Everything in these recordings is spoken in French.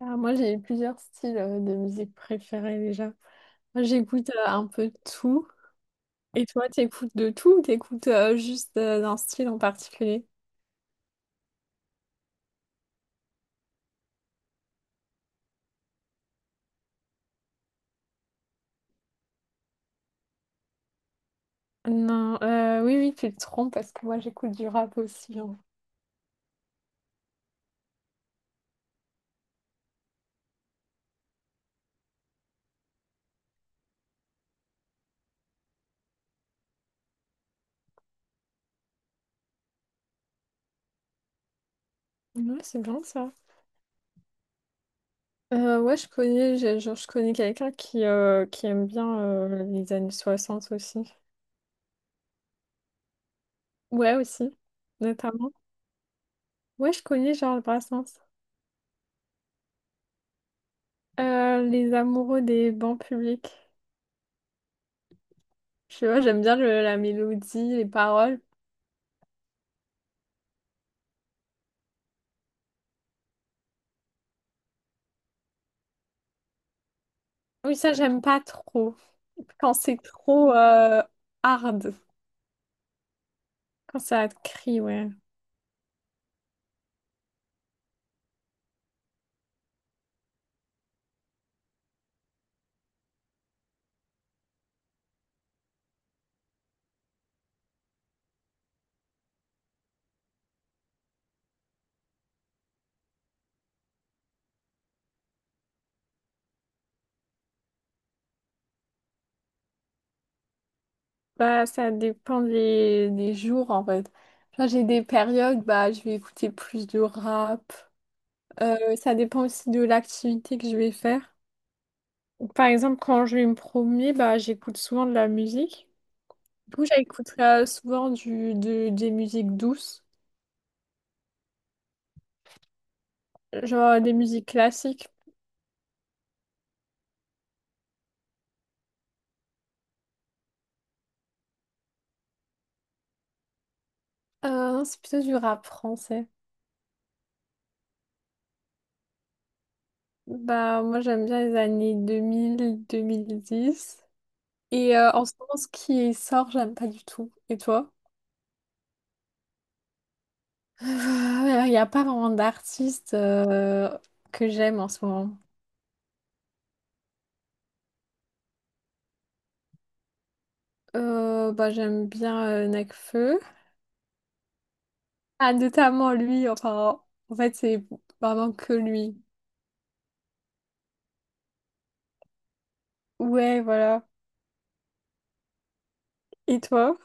Ah, moi, j'ai plusieurs styles de musique préférés déjà. Moi, j'écoute un peu de tout. Et toi, t'écoutes de tout ou t'écoutes juste d'un style en particulier? Non, oui, oui, tu te trompes parce que moi, j'écoute du rap aussi, hein. Ouais, c'est bien ça. Ouais, je connais, genre, je connais quelqu'un qui aime bien les années 60 aussi. Ouais, aussi, notamment. Ouais, je connais Charles Brassens. Les amoureux des bancs publics. Je sais pas, la mélodie, les paroles. Oui, ça, j'aime pas trop. Quand c'est trop hard, quand ça te crie, ouais. Bah, ça dépend des jours, en fait. Genre, j'ai des périodes, bah, je vais écouter plus de rap. Ça dépend aussi de l'activité que je vais faire. Par exemple, quand je vais me promener, bah, j'écoute souvent de la musique. Du coup, j'écoute souvent des musiques douces, genre des musiques classiques. Non, c'est plutôt du rap français. Bah, moi, j'aime bien les années deux mille dix. Et en ce moment, ce qui sort, j'aime pas du tout. Et toi? Il n'y a pas vraiment d'artiste que j'aime en ce moment. Bah, j'aime bien Nekfeu. Ah, notamment lui, enfin, en fait, c'est vraiment que lui. Ouais, voilà. Et toi?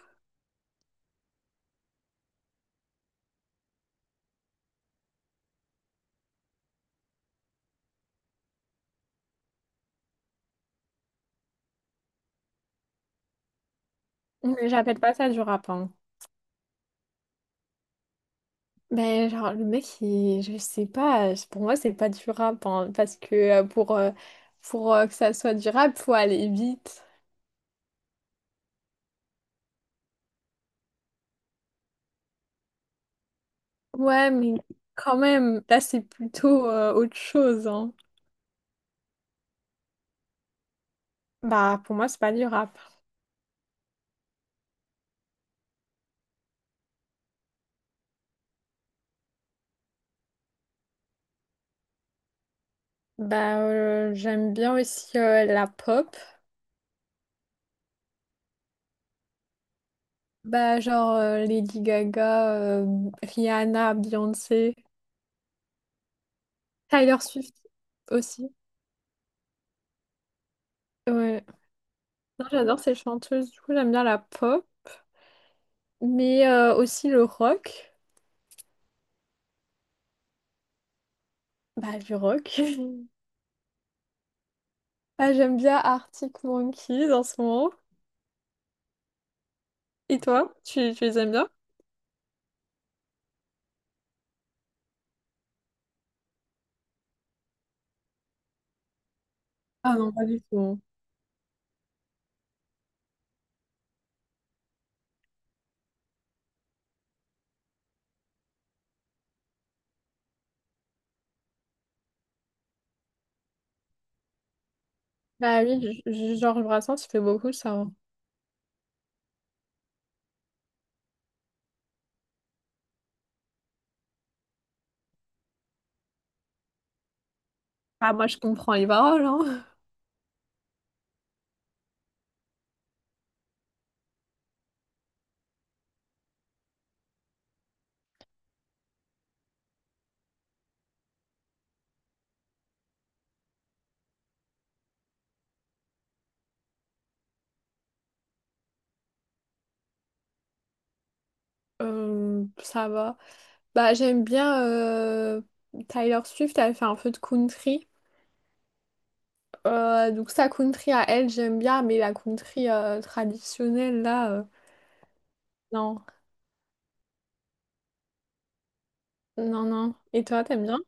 Mais j'appelle pas ça du rap, hein. Ben, genre, le mec, je sais pas, pour moi, c'est pas durable, hein, parce que pour que ça soit durable, faut aller vite. Ouais, mais quand même, là, c'est plutôt autre chose, hein. Bah, pour moi, c'est pas durable. Bah, j'aime bien aussi la pop. Bah, genre Lady Gaga, Rihanna, Beyoncé, Taylor Swift aussi. Ouais. Non, j'adore ces chanteuses, du coup, j'aime bien la pop, mais aussi le rock. Bah, du rock. Ah, j'aime bien Arctic Monkeys en ce moment. Et toi, tu les aimes bien? Ah non, pas du tout. Bah oui, Georges Brassens, il fait beaucoup ça, hein. Ah, moi, je comprends les paroles, hein. Ça va. Bah, j'aime bien Tyler Swift, elle fait un peu de country. Donc sa country à elle, j'aime bien, mais la country traditionnelle, là, non. Non, non. Et toi, t'aimes bien?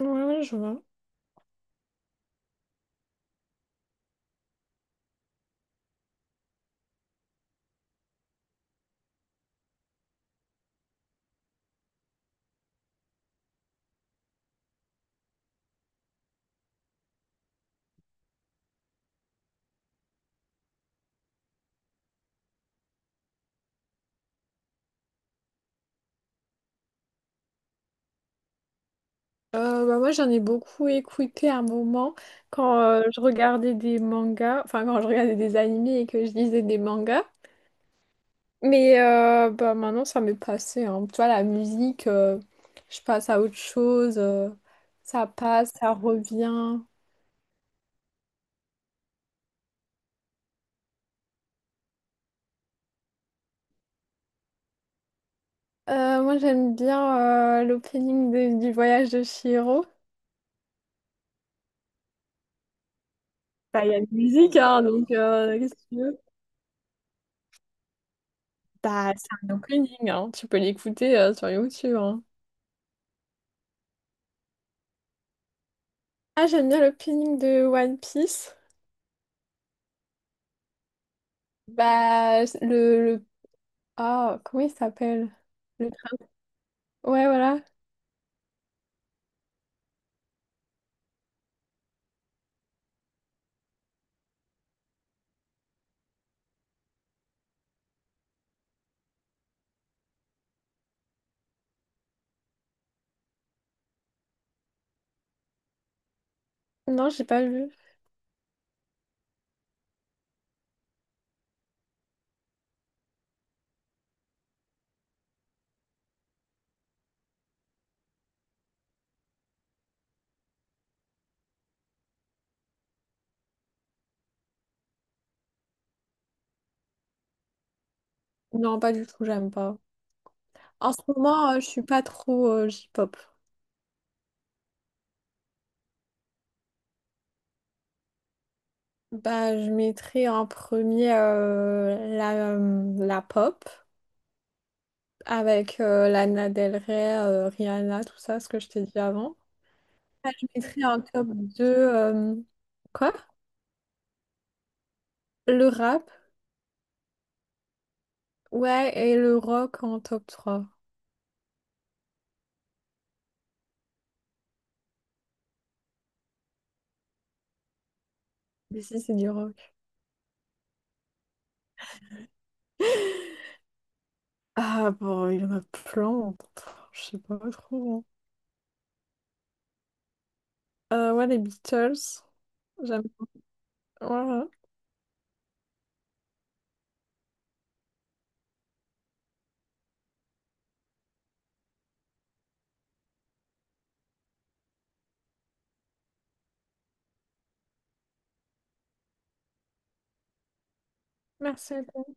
Oui, je vois. Bah, moi, j'en ai beaucoup écouté à un moment quand je regardais des mangas, enfin quand je regardais des animés et que je lisais des mangas. Mais bah, maintenant, ça m'est passé, hein. Tu vois, la musique, je passe à autre chose. Ça passe, ça revient. Moi, j'aime bien l'opening du Voyage de Chihiro. Bah, il y a de la musique, hein, donc qu'est-ce que tu veux? Bah, c'est un opening, hein. Tu peux l'écouter sur YouTube, hein. Ah, j'aime bien l'opening de One Piece. Bah, ah, comment il s'appelle? Le... Ouais, voilà. Non, j'ai pas vu. Non, pas du tout, j'aime pas. En ce moment, je suis pas trop J-pop. Bah, je mettrais en premier la pop avec Lana Del Rey, Rihanna, tout ça, ce que je t'ai dit avant. Bah, je mettrais en top 2 quoi? Le rap, ouais, et le rock en top trois. Mais si, c'est du rock. Ah bon, il y en a plein. Je sais pas trop, hein. Ouais, les Beatles. J'aime. Voilà. Merci.